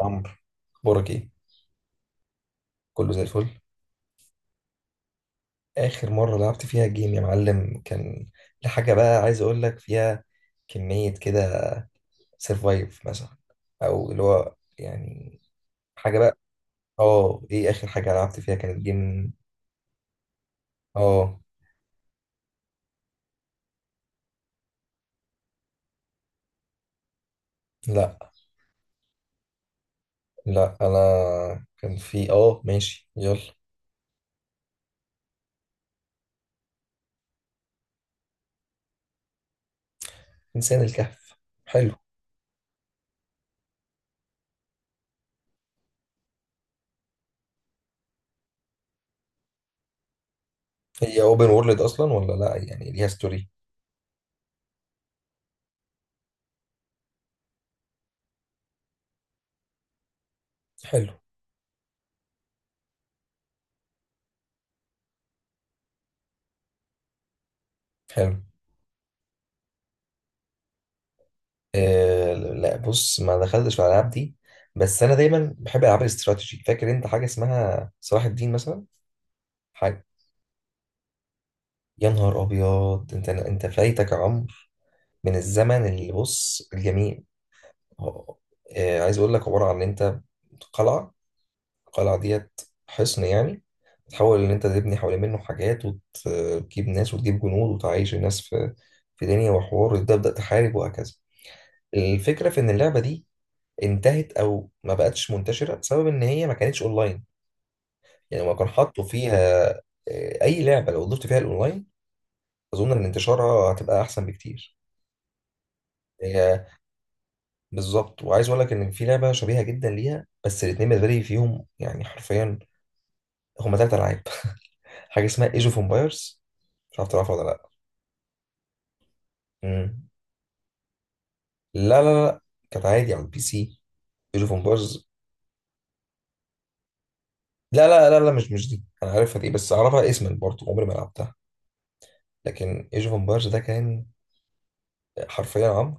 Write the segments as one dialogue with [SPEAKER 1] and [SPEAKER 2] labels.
[SPEAKER 1] عمرو، اخبارك ايه؟ كله زي الفل. اخر مره لعبت فيها جيم يا معلم كان لحاجه، بقى عايز اقول لك فيها كميه كده، سرفايف مثلا، او اللي هو يعني حاجه بقى. اه ايه اخر حاجه لعبت فيها كانت جيم؟ اه. لا، انا كان في ماشي، يلا. انسان الكهف، حلو. هي اوبن وورلد اصلا ولا لا؟ يعني ليها ستوري؟ حلو. حلو. آه، لا، بص، ما دخلتش في الالعاب دي، بس انا دايما بحب العاب الاستراتيجي. فاكر انت حاجه اسمها صلاح الدين مثلا؟ حاجه. يا نهار ابيض، انت فايتك، عمر، من الزمن. اللي بص، الجميل. آه، عايز اقول لك، عباره عن ان انت قلعه، القلعه ديت، حصن يعني، تحاول ان انت تبني حوالين منه حاجات وتجيب ناس وتجيب جنود وتعيش الناس في في دنيا وحوار، وتبدا تحارب وهكذا. الفكره في ان اللعبه دي انتهت او ما بقتش منتشره بسبب ان هي ما كانتش اونلاين. يعني لو كان حطوا فيها، اي لعبه لو ضفت فيها الاونلاين، اظن ان انتشارها هتبقى احسن بكتير. هي بالظبط. وعايز اقول لك ان في لعبه شبيهه جدا ليها، بس الاثنين بالنسبه لي فيهم، يعني حرفيا، هما ثلاث العاب. حاجه اسمها ايج اوف امبايرز، مش عارف تعرفها ولا لا. مم. لا لا لا، كانت عادي على البي سي، ايج اوف امبايرز. لا لا لا لا، مش دي، انا عارفها دي، بس اعرفها اسما برضه، عمري ما لعبتها. لكن ايج اوف امبايرز ده كان حرفيا، عمرو،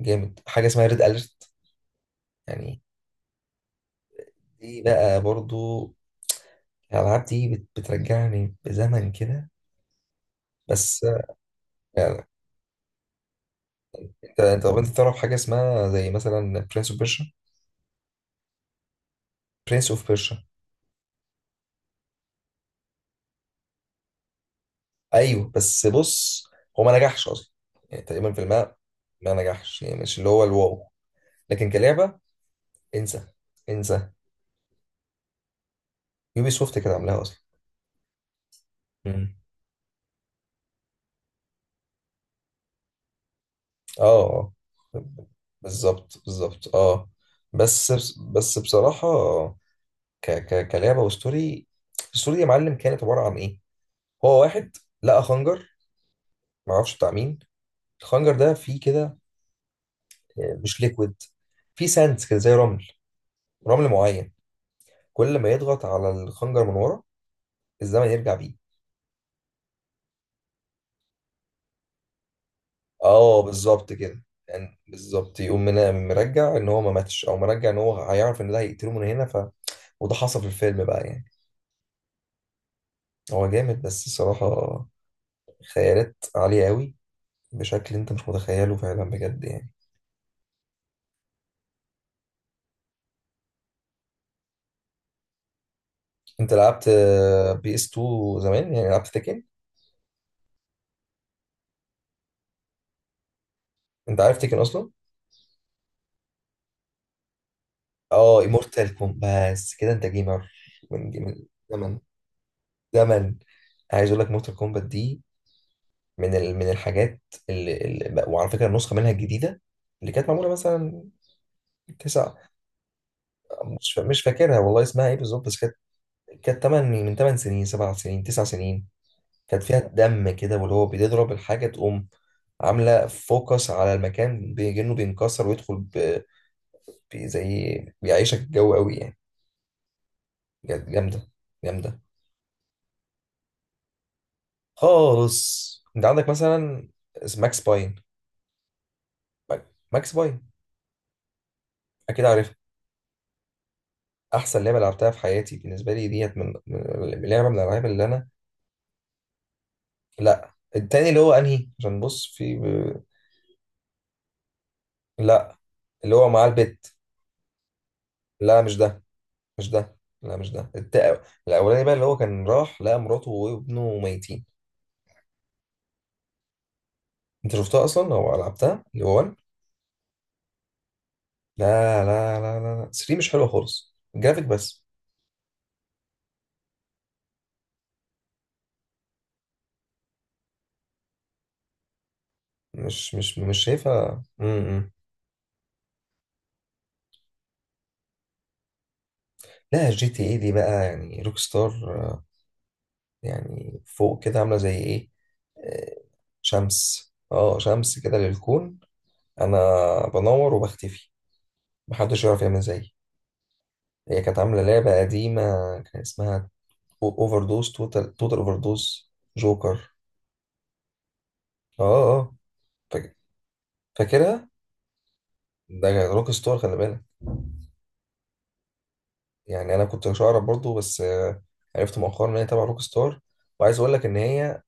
[SPEAKER 1] جامد. حاجة اسمها ريد أليرت يعني. دي بقى برضو، الألعاب دي بترجعني بزمن كده. بس يعني، انت طب انت تعرف حاجة اسمها زي مثلا برنس اوف بيرشا؟ برنس اوف بيرشا. ايوه، بس بص، هو ما نجحش اصلا، يعني تقريبا في الماء. ما نجحش، يعني مش اللي هو الواو، لكن كلعبة انسى، انسى. يوبي سوفت كانت عاملاها اصلا. مم. اه. اه بالظبط، بالظبط، اه. بس، بس بصراحة، ك ك كلعبه وستوري، الستوري يا معلم كانت عباره عن ايه؟ هو واحد لقى خنجر، ما اعرفش بتاع مين. الخنجر ده فيه كده، مش ليكويد، فيه ساندز كده زي رمل، رمل معين. كل ما يضغط على الخنجر من ورا، الزمن يرجع بيه. اه بالظبط كده، يعني بالظبط، يقوم من مرجع ان هو ما ماتش، او مرجع ان هو هيعرف ان ده هيقتله من هنا، ف وده حصل في الفيلم بقى يعني. هو جامد، بس الصراحه خيالات عاليه قوي، بشكل انت مش متخيله فعلا، بجد يعني. انت لعبت بي اس 2 زمان؟ يعني لعبت تكن، انت عارف تكن اصلا؟ اه مورتال كومبات، بس كده انت جيمر من جيم زمن، زمن. عايز اقول لك، مورتال كومبات دي من من الحاجات وعلى فكره، النسخه منها الجديده اللي كانت معموله مثلا. تسع، مش فاكرها والله اسمها ايه بالظبط، بس كانت، كانت 8، من 8 سنين، 7 سنين، 9 سنين. كانت فيها دم كده، واللي هو بتضرب الحاجه تقوم عامله فوكس على المكان، بيجنه، بينكسر ويدخل في زي، بيعيشك الجو قوي يعني، بجد جامده. جامده خالص. انت عندك مثلا ماكس باين. ماكس باين، اكيد عارفها. احسن لعبه لعبتها في حياتي بالنسبه لي ديت، من لعبه من الالعاب اللي انا. لا التاني، اللي هو انهي؟ عشان بص، في لا اللي هو معاه البت. لا مش ده، مش ده. لا مش ده، الاولاني بقى، اللي هو كان راح لقى مراته وابنه ميتين. انت شفتها اصلا او لعبتها، اللي هو 1؟ لا لا لا لا لا، 3 مش حلوه خالص، الجرافيك بس. مش شايفها. إمم. لا جي تي اي دي بقى يعني، روك ستار، يعني فوق كده، عامله زي ايه؟ آه، شمس، اه شمس كده للكون. انا بنور وبختفي، محدش يعرف يعمل زيي. هي كانت عامله لعبه قديمه، كان اسمها اوفر دوز، توتال اوفر دوز، جوكر. اه. اه فاك- فاكرها. ده روك ستار، خلي بالك. يعني انا كنت مش اعرف برضه، بس عرفت مؤخرا ان هي تبع روك ستار. وعايز اقول لك ان هي،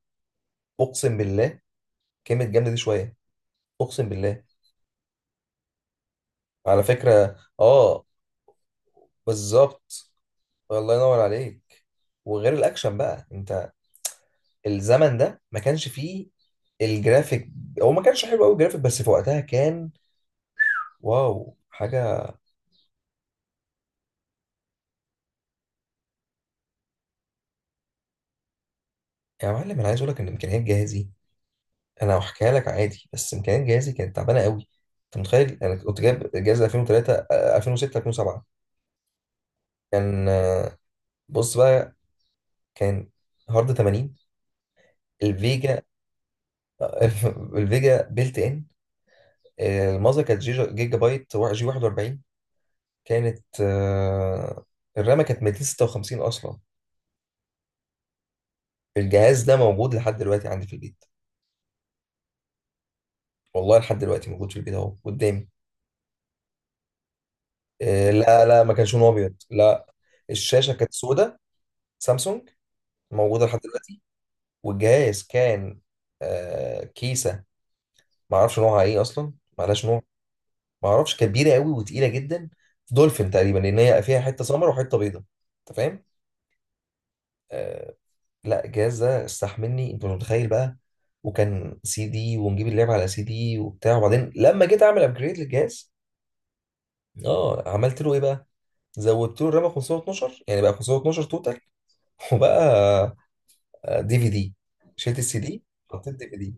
[SPEAKER 1] اقسم بالله، كلمة جامدة دي شوية، أقسم بالله. على فكرة بالظبط. الله ينور عليك. وغير الأكشن بقى، أنت الزمن ده ما كانش فيه الجرافيك. هو ما كانش حلو قوي الجرافيك، بس في وقتها كان واو حاجة. يا معلم، أنا عايز أقول لك إن إمكانيات جهازي، أنا هحكيها لك عادي، بس إمكانيات جهازي كانت تعبانة قوي. أنت متخيل، أنا كنت جايب جهاز 2003، 2006، 2007. كان، بص بقى، كان هارد 80، الفيجا. الفيجا بيلت ان، الماذر كانت جيجا, جيجا بايت، جي 41، كانت، الرامة كانت 256 أصلا. الجهاز ده موجود لحد دلوقتي عندي في البيت. والله لحد دلوقتي موجود في البيت، أهو قدامي. لا لا، ما كانش لون أبيض، لا. الشاشة كانت سودة، سامسونج، موجودة لحد دلوقتي. والجهاز كان، كيسة، ما أعرفش نوعها إيه أصلا، معلهاش نوع. ما أعرفش، كبيرة قوي وتقيلة جدا. دولفين تقريبا، لأن هي فيها حتة سمر وحتة بيضة. أنت فاهم؟ آه، لا الجهاز ده استحملني، انت مش متخيل بقى. وكان سي دي، ونجيب اللعبه على سي دي وبتاع. وبعدين لما جيت اعمل ابجريد للجهاز، اه، عملت له ايه بقى؟ زودت له الرامه 512، يعني بقى 512 توتال. وبقى دي في دي، شلت السي دي، حطيت دي في دي.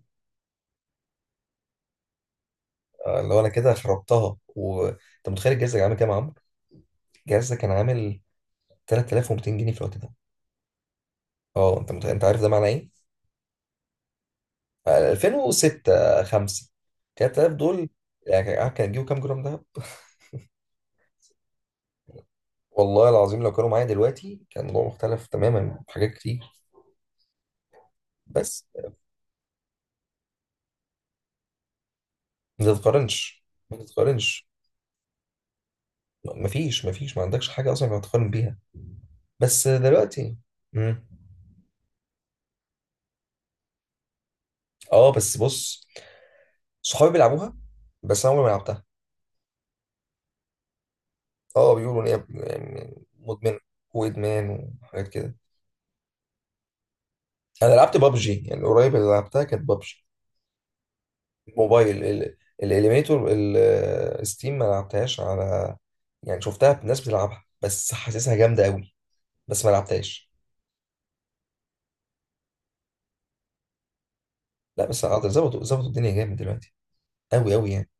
[SPEAKER 1] اللي هو انا كده خربتها. وانت متخيل الجهاز ده كان عامل كام يا عمرو؟ الجهاز ده كان عامل 3200 جنيه في الوقت ده. اه انت متخيل؟ انت عارف ده معناه ايه؟ 2006، 5. 3000 دول، يعني عارف كان هتجيبوا كام جرام دهب؟ والله العظيم لو كانوا معايا دلوقتي، كان الموضوع مختلف تماما في حاجات كتير. بس ما تتقارنش، ما تتقارنش. مفيش ما عندكش حاجة أصلا ينفع تقارن بيها. بس دلوقتي. مم. اه بس بص، صحابي بيلعبوها، بس انا عمري ما لعبتها. اه، بيقولوا ان هي يعني مدمنه، وادمان وحاجات كده. انا لعبت بابجي، يعني قريب اللي لعبتها كانت بابجي. موبايل، الاليميتور الستيم ما لعبتهاش، على يعني شفتها ناس بتلعبها، بس حاسسها جامده قوي، بس ما لعبتهاش. لا بس أقدر، ظبطوا، ظبطوا الدنيا جامد دلوقتي، قوي قوي يعني.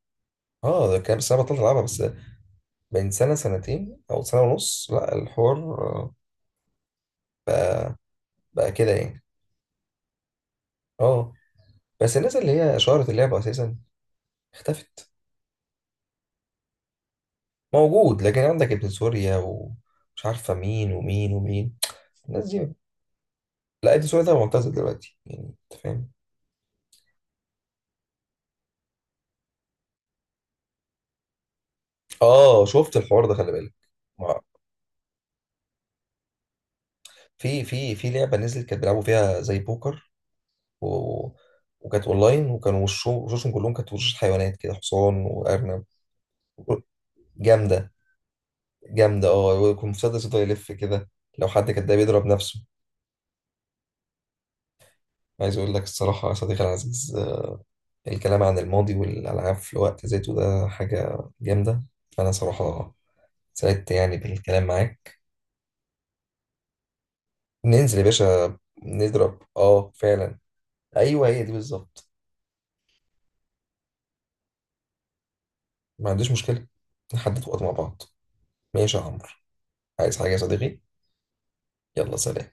[SPEAKER 1] اه ده كام سنه بطلت العبها بس، بين سنه، سنتين، او سنه ونص. لا الحوار بقى كده يعني. اه، بس الناس اللي هي شهرت اللعبه اساسا اختفت. موجود، لكن عندك ابن سوريا ومش عارفه مين ومين ومين، الناس دي. لا، ابن سوريا ده معتزل دلوقتي يعني، انت فاهم؟ اه شفت الحوار ده، خلي بالك. ما- في، في لعبه نزلت، كانت بيلعبوا فيها زي بوكر، و... وكانت اونلاين، وكانوا وشوشهم كلهم كانت وشوش حيوانات كده، حصان وارنب. جامده. جامده. اه، ويكون مسدس يفضل يلف كده، لو حد كان ده، بيضرب نفسه. عايز اقول لك الصراحه يا صديقي العزيز، الكلام عن الماضي والالعاب في وقت ذاته ده حاجه جامده. فانا صراحه سعدت يعني بالكلام معاك. ننزل يا باشا، نضرب، اه فعلا. ايوه هي دي بالظبط. ما عنديش مشكله، نحدد وقت مع بعض. ماشي يا عمرو. عايز حاجه يا صديقي؟ يلا سلام.